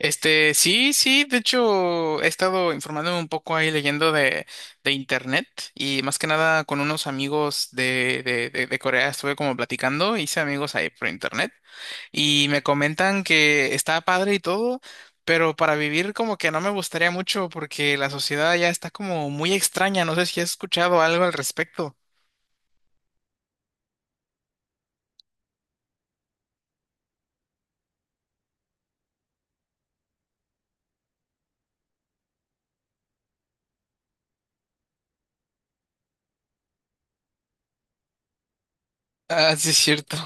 Sí, sí, de hecho he estado informándome un poco ahí leyendo de internet y más que nada con unos amigos de Corea estuve como platicando, hice amigos ahí por internet y me comentan que está padre y todo, pero para vivir como que no me gustaría mucho porque la sociedad ya está como muy extraña, no sé si has escuchado algo al respecto. Ah, sí, es cierto.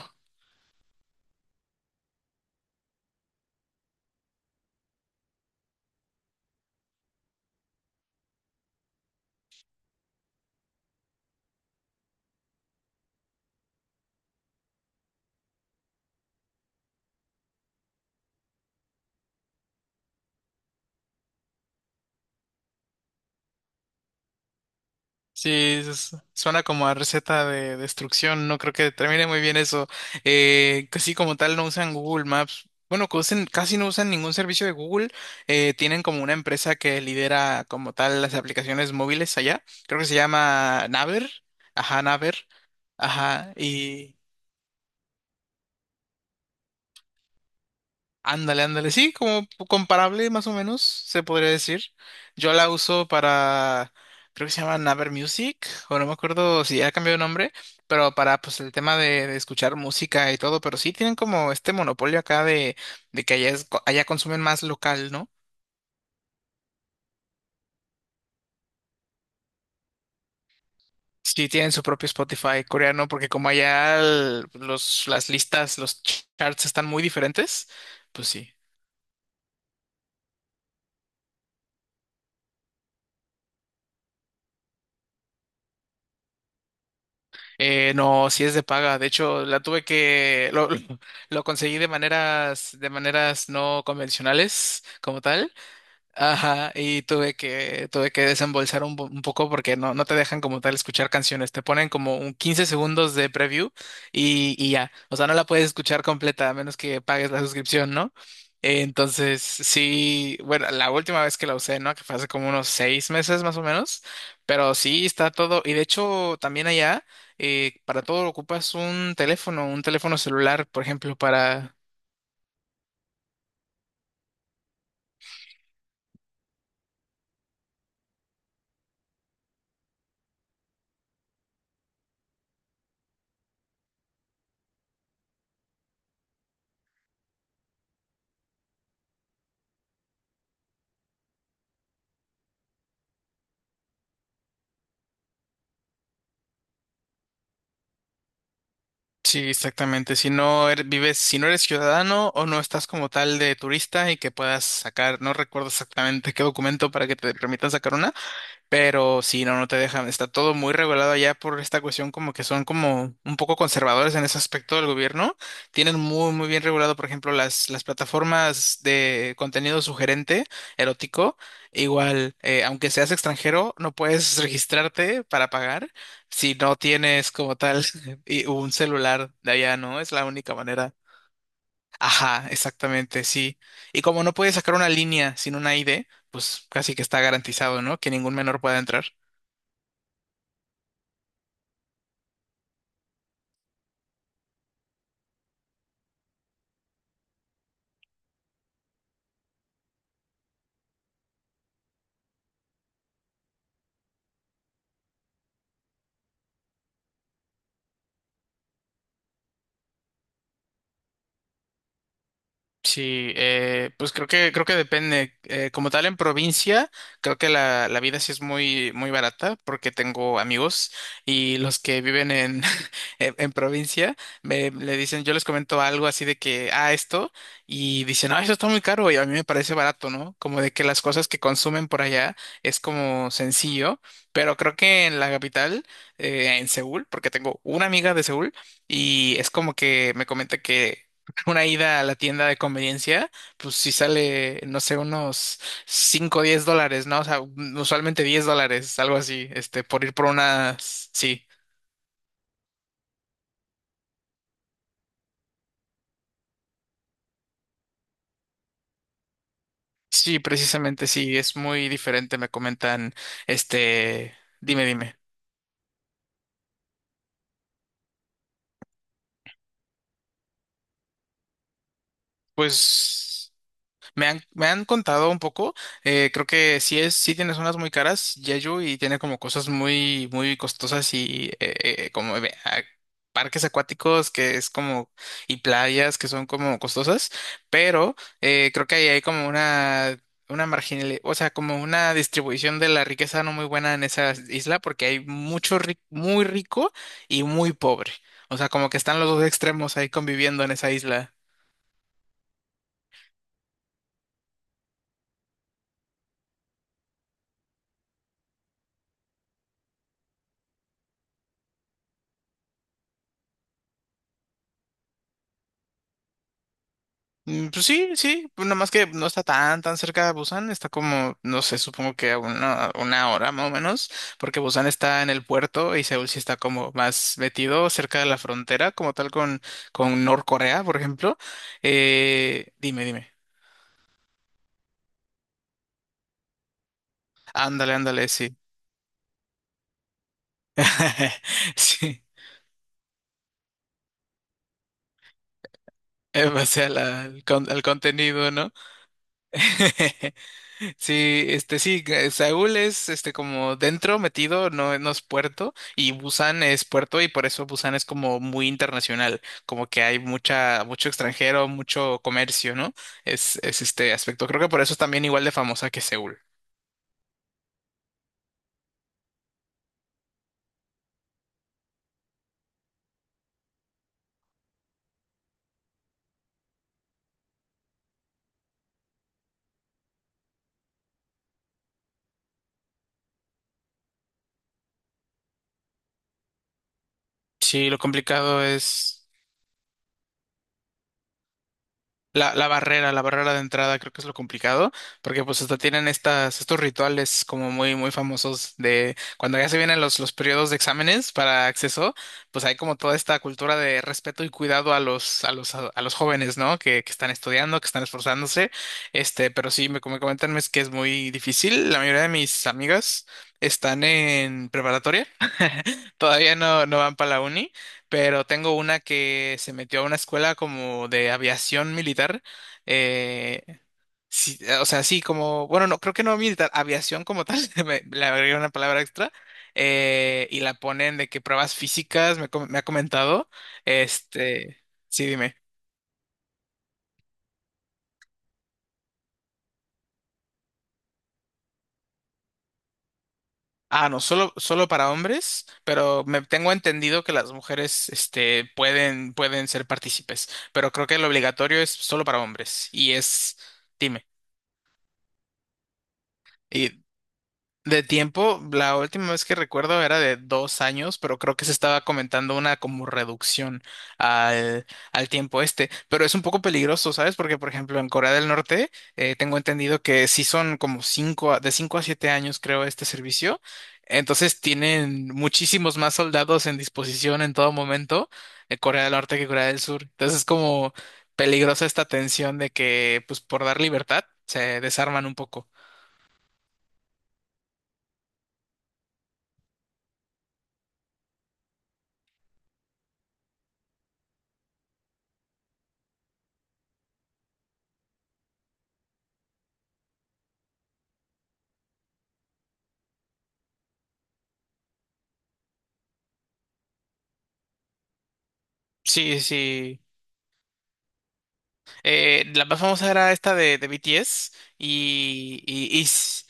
Sí, suena como a receta de destrucción, no creo que termine muy bien eso. Casi como tal no usan Google Maps. Bueno, casi no usan ningún servicio de Google. Tienen como una empresa que lidera como tal las aplicaciones móviles allá. Creo que se llama Naver. Ajá, Naver. Ajá, y... Ándale, ándale, sí, como comparable más o menos, se podría decir. Yo la uso creo que se llama Naver Music, o no me acuerdo si ya cambió de nombre, pero para pues el tema de escuchar música y todo, pero sí tienen como este monopolio acá de que allá, allá consumen más local, ¿no? Sí tienen su propio Spotify coreano, porque como allá las listas, los charts están muy diferentes, pues sí. No, sí es de paga. De hecho, la tuve que lo conseguí de maneras no convencionales como tal. Ajá, y tuve que desembolsar un poco porque no te dejan como tal escuchar canciones, te ponen como un 15 segundos de preview y ya, o sea, no la puedes escuchar completa a menos que pagues la suscripción, ¿no? Entonces, sí, bueno, la última vez que la usé, ¿no? Que fue hace como unos 6 meses más o menos, pero sí está todo, y de hecho también allá, para todo ocupas un teléfono celular, por ejemplo, para. Sí, exactamente. Si no eres ciudadano o no estás como tal de turista y que puedas sacar, no recuerdo exactamente qué documento para que te permitan sacar una. Pero sí, no te dejan. Está todo muy regulado allá por esta cuestión, como que son como un poco conservadores en ese aspecto del gobierno. Tienen muy, muy bien regulado, por ejemplo, las plataformas de contenido sugerente, erótico. Igual, aunque seas extranjero, no puedes registrarte para pagar si no tienes como tal y un celular de allá, ¿no? Es la única manera. Ajá, exactamente, sí. Y como no puedes sacar una línea sin una ID, pues casi que está garantizado, ¿no? Que ningún menor pueda entrar. Sí, pues creo que depende. Como tal en provincia, creo que la vida sí es muy muy barata porque tengo amigos y los que viven en en provincia me le dicen, yo les comento algo así de que ah esto y dicen, ah, eso está muy caro y a mí me parece barato, ¿no? Como de que las cosas que consumen por allá es como sencillo, pero creo que en la capital, en Seúl, porque tengo una amiga de Seúl y es como que me comenta que una ida a la tienda de conveniencia, pues si sale, no sé, unos cinco o 10 dólares, ¿no? O sea, usualmente $10, algo así, por ir por unas, sí, sí, precisamente, sí, es muy diferente, me comentan, este, dime, dime. Pues... Me han contado un poco, creo que sí es, sí tiene zonas muy caras, Jeju, y tiene como cosas muy, muy costosas y eh, como ve- a- parques acuáticos que es como, y playas que son como costosas, pero creo que ahí hay como una marginal, o sea, como una distribución de la riqueza no muy buena en esa isla, porque hay muy rico y muy pobre. O sea, como que están los dos extremos ahí conviviendo en esa isla. Pues sí, sí, pues nada más que no está tan, tan cerca de Busan, está como, no sé, supongo que a una hora más o menos, porque Busan está en el puerto y Seúl sí está como más metido cerca de la frontera, como tal con Norcorea, por ejemplo. Dime, dime. Ándale, ándale, sí. Sí, en base a al contenido, ¿no? Sí, sí, que Seúl es como dentro metido, no, no es puerto, y Busan es puerto, y por eso Busan es como muy internacional, como que hay mucha, mucho extranjero, mucho comercio, ¿no? Es este aspecto. Creo que por eso es también igual de famosa que Seúl. Sí, lo complicado es. La barrera de entrada creo que es lo complicado, porque pues hasta tienen estos rituales como muy, muy famosos de cuando ya se vienen los periodos de exámenes para acceso, pues hay como toda esta cultura de respeto y cuidado a los jóvenes, ¿no? Que están estudiando, que están esforzándose, pero sí, como comentan, es que es muy difícil. La mayoría de mis amigas están en preparatoria, todavía no van para la uni, pero tengo una que se metió a una escuela como de aviación militar. eh, sí, o sea, sí, como, bueno, no, creo que no militar, aviación como tal, le agregué una palabra extra. Y la ponen de que pruebas físicas, me ha comentado. Este, sí, dime. Ah, no, solo para hombres, pero me tengo entendido que las mujeres, pueden ser partícipes, pero creo que lo obligatorio es solo para hombres. Y es, dime. De tiempo, la última vez que recuerdo era de 2 años, pero creo que se estaba comentando una como reducción al tiempo este. Pero es un poco peligroso, ¿sabes? Porque, por ejemplo, en Corea del Norte tengo entendido que sí son como de 5 a 7 años, creo, este servicio. Entonces tienen muchísimos más soldados en disposición en todo momento en Corea del Norte que Corea del Sur. Entonces es como peligrosa esta tensión de que, pues, por dar libertad, se desarman un poco. Sí, sí. La más famosa era esta de BTS y, y, y, s-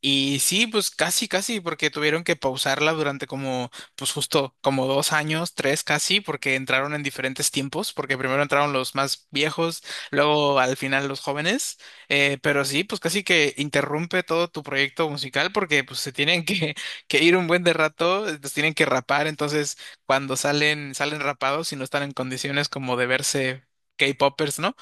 y sí, pues casi, casi, porque tuvieron que pausarla durante como, pues justo como 2 años, tres casi, porque entraron en diferentes tiempos, porque primero entraron los más viejos, luego al final los jóvenes, pero sí, pues casi que interrumpe todo tu proyecto musical porque pues se tienen que, que ir un buen de rato, los tienen que rapar, entonces cuando salen, salen rapados y no están en condiciones como de verse K-popers, ¿no?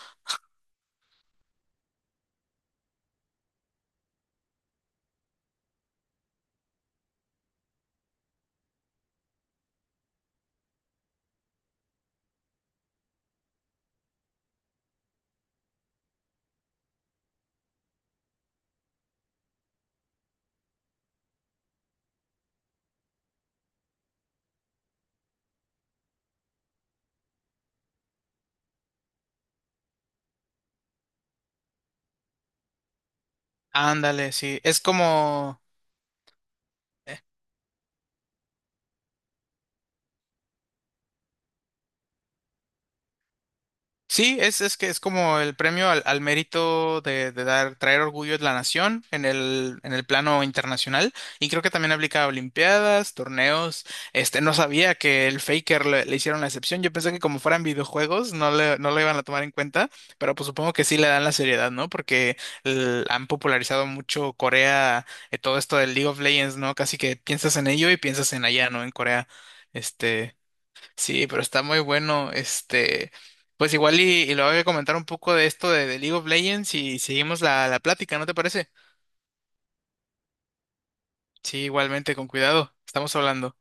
Ándale, sí, es como, sí, es que es como el premio al mérito de dar, traer orgullo de la nación en el plano internacional, y creo que también aplica a olimpiadas, torneos, no sabía que el Faker le hicieron la excepción, yo pensé que como fueran videojuegos no lo iban a tomar en cuenta, pero pues supongo que sí le dan la seriedad, ¿no? Porque han popularizado mucho Corea, todo esto del League of Legends, ¿no? Casi que piensas en ello y piensas en allá, ¿no? En Corea, este... Sí, pero está muy bueno. Pues igual y lo voy a comentar un poco de esto de League of Legends y seguimos la plática, ¿no te parece? Sí, igualmente, con cuidado. Estamos hablando.